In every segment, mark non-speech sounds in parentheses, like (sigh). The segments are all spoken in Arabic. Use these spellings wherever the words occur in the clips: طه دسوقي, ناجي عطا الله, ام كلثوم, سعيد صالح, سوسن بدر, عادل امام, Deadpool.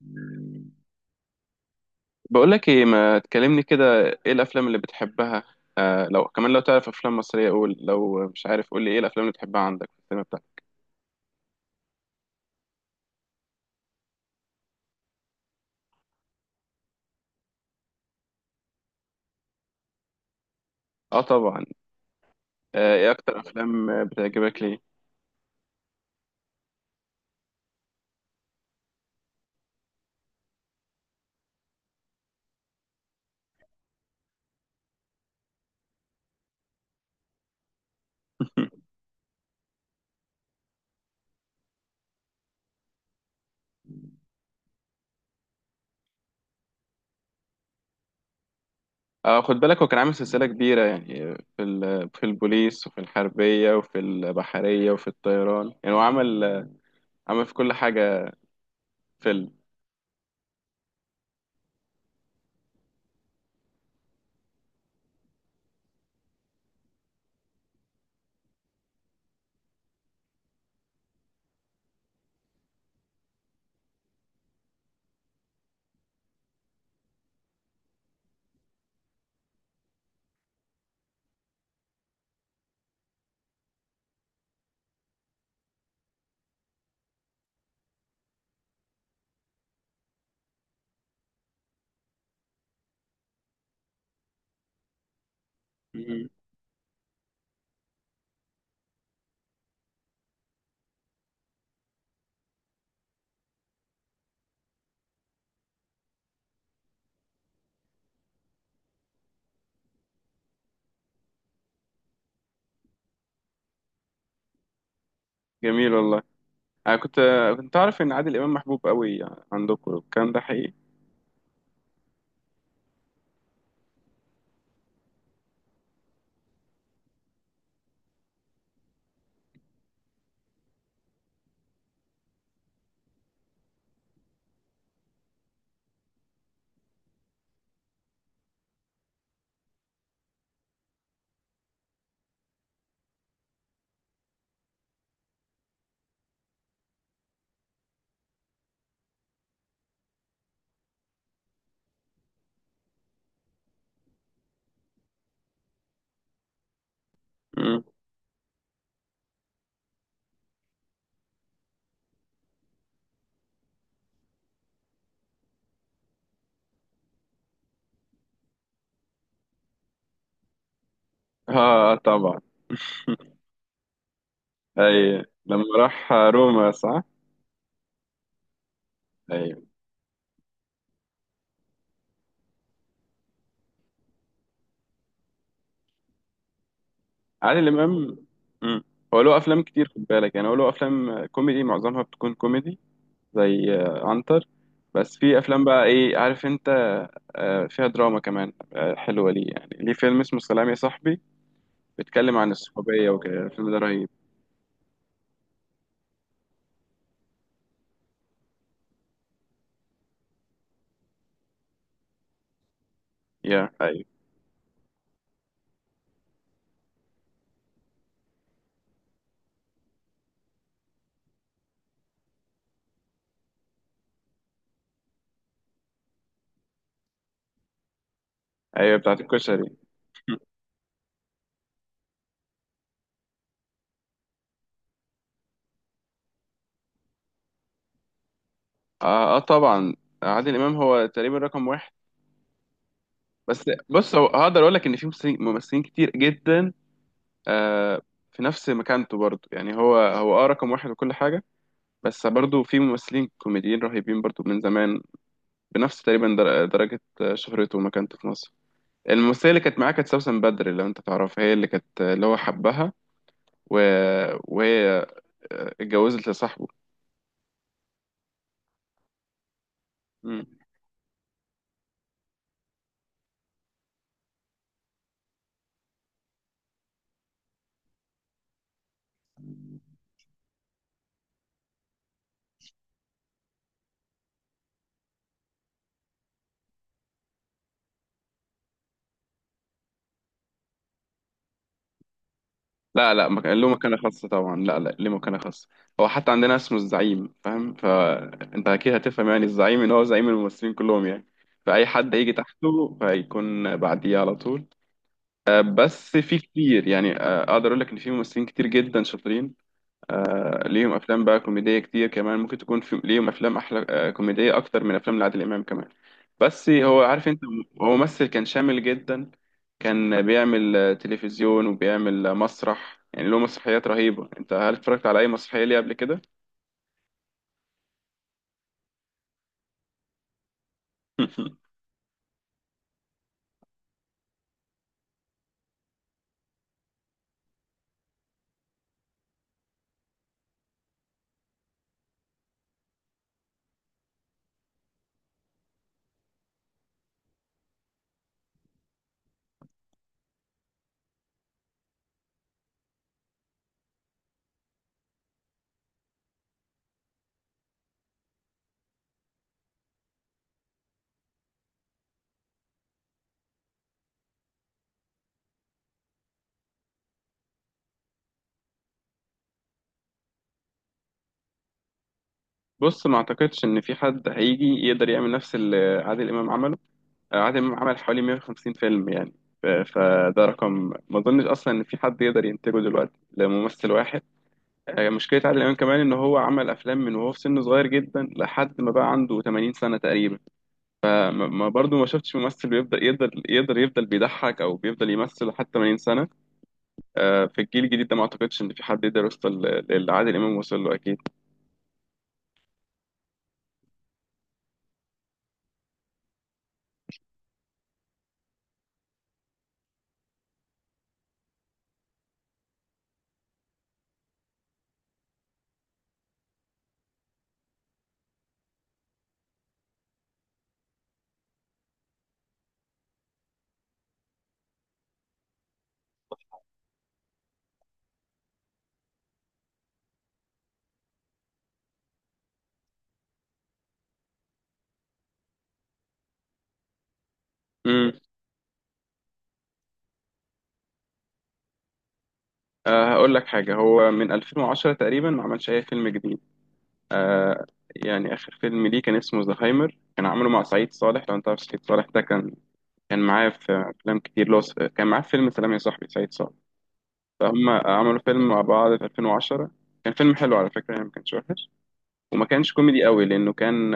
مم. بقول لك ايه، ما تكلمني كده. ايه الافلام اللي بتحبها؟ آه، لو كمان لو تعرف افلام مصريه قول، لو مش عارف قول لي ايه الافلام اللي بتحبها عندك في السينما بتاعتك. اه طبعا. ايه اكتر افلام بتعجبك ليه؟ (laughs) آه، خد بالك هو كان عامل سلسله كبيره يعني. في البوليس وفي الحربيه وفي البحريه وفي الطيران، يعني هو عمل في كل حاجه. فيلم. مم. جميل والله. انا كنت اعرف ان عادل امام محبوب قوي عندكم، الكلام ده حقيقي؟ مم. اه طبعا. اي، لما راح روما، صح. اي. عادل امام. مم. هو له افلام كتير، خد بالك، يعني هو له افلام كوميدي، معظمها بتكون كوميدي زي عنتر. بس في افلام بقى، ايه عارف انت، فيها دراما كمان حلوه. ليه يعني؟ ليه فيلم اسمه سلام يا صاحبي، بيتكلم عن الصحوبيه وكده. الفيلم ده رهيب. يا ايوه. ايوه بتاعت الكشري. (laughs) طبعا. عادل امام هو تقريبا رقم واحد. بس بص، هو هقدر اقول لك ان في ممثلين ممثلين كتير جدا، آه، في نفس مكانته برضه، يعني هو رقم واحد وكل حاجة. بس برضه في ممثلين كوميديين رهيبين برضه من زمان، بنفس تقريبا درجة شهرته ومكانته في مصر. الممثلة اللي كانت معاه كانت سوسن بدر، لو انت تعرفها، هي اللي كانت اللي هو حبها و... وهي اتجوزت لصاحبه. مم. لا لا، ما كان له مكانة خاصة طبعا. لا لا، ليه مكانة خاصة، هو حتى عندنا اسمه الزعيم، فاهم؟ فانت اكيد هتفهم يعني الزعيم، ان هو زعيم الممثلين كلهم يعني. فأي حد يجي تحته فيكون بعديه على طول. بس في كتير يعني، اقدر اقول لك ان في ممثلين كتير جدا شاطرين، ليهم افلام بقى كوميديه كتير كمان. ممكن تكون في ليهم افلام احلى كوميديه اكتر من افلام لعادل امام كمان. بس هو، عارف انت، هو ممثل كان شامل جدا. كان بيعمل تلفزيون وبيعمل مسرح، يعني له مسرحيات رهيبه. انت هل اتفرجت على اي مسرحيه ليه قبل كده؟ (laughs) بص، ما اعتقدش ان في حد هيجي يقدر يعمل نفس اللي عادل امام عمله. عادل إمام عمل حوالي 150 فيلم يعني. فده رقم، ما اظنش اصلا ان في حد يقدر ينتجه دلوقتي لممثل واحد. مشكله عادل امام كمان ان هو عمل افلام من وهو في سن صغير جدا لحد ما بقى عنده 80 سنه تقريبا. ما برضو ما شفتش ممثل بيفضل يقدر يفضل بيضحك او بيفضل يمثل لحد 80 سنه. في الجيل الجديد ده ما اعتقدش ان في حد يقدر يوصل للي عادل امام وصل له اكيد. امم هقول لك حاجه. هو من 2010 تقريبا ما عملش اي فيلم جديد. آه يعني آخر فيلم ليه كان اسمه زهايمر، كان عامله مع سعيد صالح. لو أنت عارف سعيد صالح ده، كان معاه في أفلام كتير، لو كان معاه في فيلم سلام يا صاحبي، سعيد صالح. فهم عملوا فيلم مع بعض في 2010، كان فيلم حلو على فكرة يعني، ما كانش وحش وما كانش كوميدي قوي لأنه كان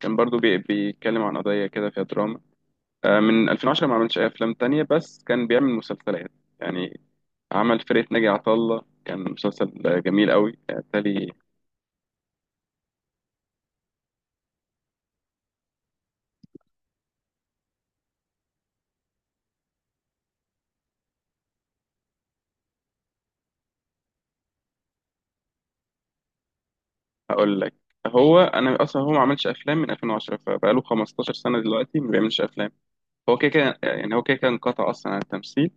برضو بيتكلم عن قضية كده فيها دراما. آه، من 2010 ما عملش أي أفلام تانية، بس كان بيعمل مسلسلات. يعني عمل فرقة ناجي عطا الله، كان مسلسل جميل قوي. بالتالي هقول لك، هو انا اصلا هو ما عملش افلام من 2010، فبقاله 15 سنه دلوقتي ما بيعملش افلام. هو كده كده يعني، هو كده كده انقطع اصلا عن التمثيل.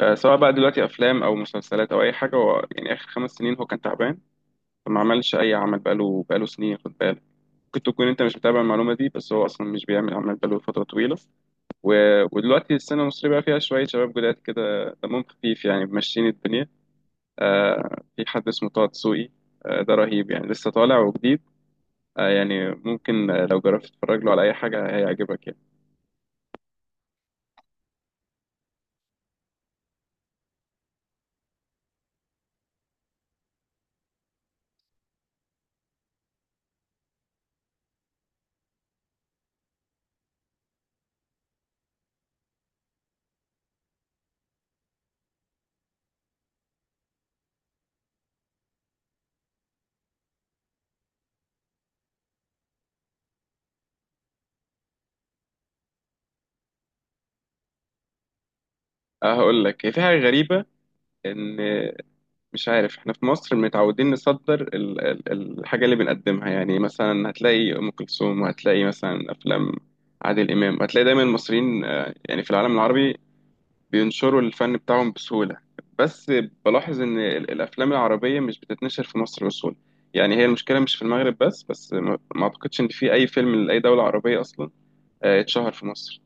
سواء بقى دلوقتي افلام او مسلسلات او اي حاجه، هو يعني اخر خمس سنين هو كان تعبان، فما عملش اي عمل بقاله سنين، خد بالك. ممكن تكون انت مش متابع المعلومه دي، بس هو اصلا مش بيعمل عمل بقاله فتره طويله و... ودلوقتي السينما المصريه بقى فيها شويه شباب جداد كده، دمهم خفيف يعني، ماشيين الدنيا. في حد اسمه طه دسوقي، ده رهيب يعني، لسه طالع وجديد. يعني ممكن، لو جربت تتفرج له على اي حاجه هيعجبك يعني. هقول لك، هي في حاجه غريبه. ان... مش عارف، احنا في مصر متعودين نصدر الحاجه اللي بنقدمها، يعني مثلا هتلاقي ام كلثوم، وهتلاقي مثلا افلام عادل امام. هتلاقي دايما المصريين يعني في العالم العربي بينشروا الفن بتاعهم بسهوله. بس بلاحظ ان الافلام العربيه مش بتتنشر في مصر بسهوله. يعني هي المشكله مش في المغرب بس، بس ما اعتقدش ان في اي فيلم لاي دوله عربيه اصلا اتشهر في مصر.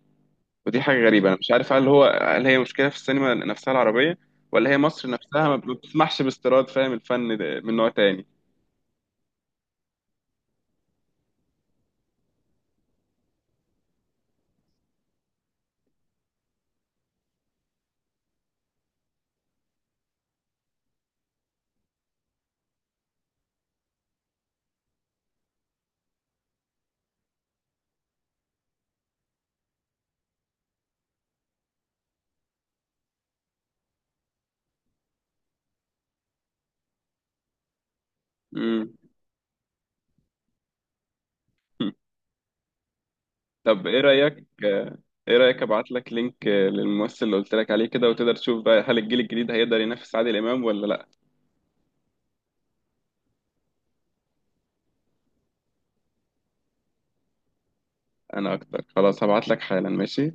ودي حاجة غريبة، أنا مش عارف، هل هو، هل هي مشكلة في السينما نفسها العربية، ولا هي مصر نفسها ما بتسمحش باستيراد، فاهم، الفن ده من نوع تاني. مم. (laughs) طب إيه رأيك، إيه رأيك أبعت لك لينك للممثل اللي قلت لك عليه كده، وتقدر تشوف بقى هل الجيل الجديد هيقدر ينافس عادل إمام ولا لأ. أنا أكتر، خلاص هبعت لك حالا، ماشي.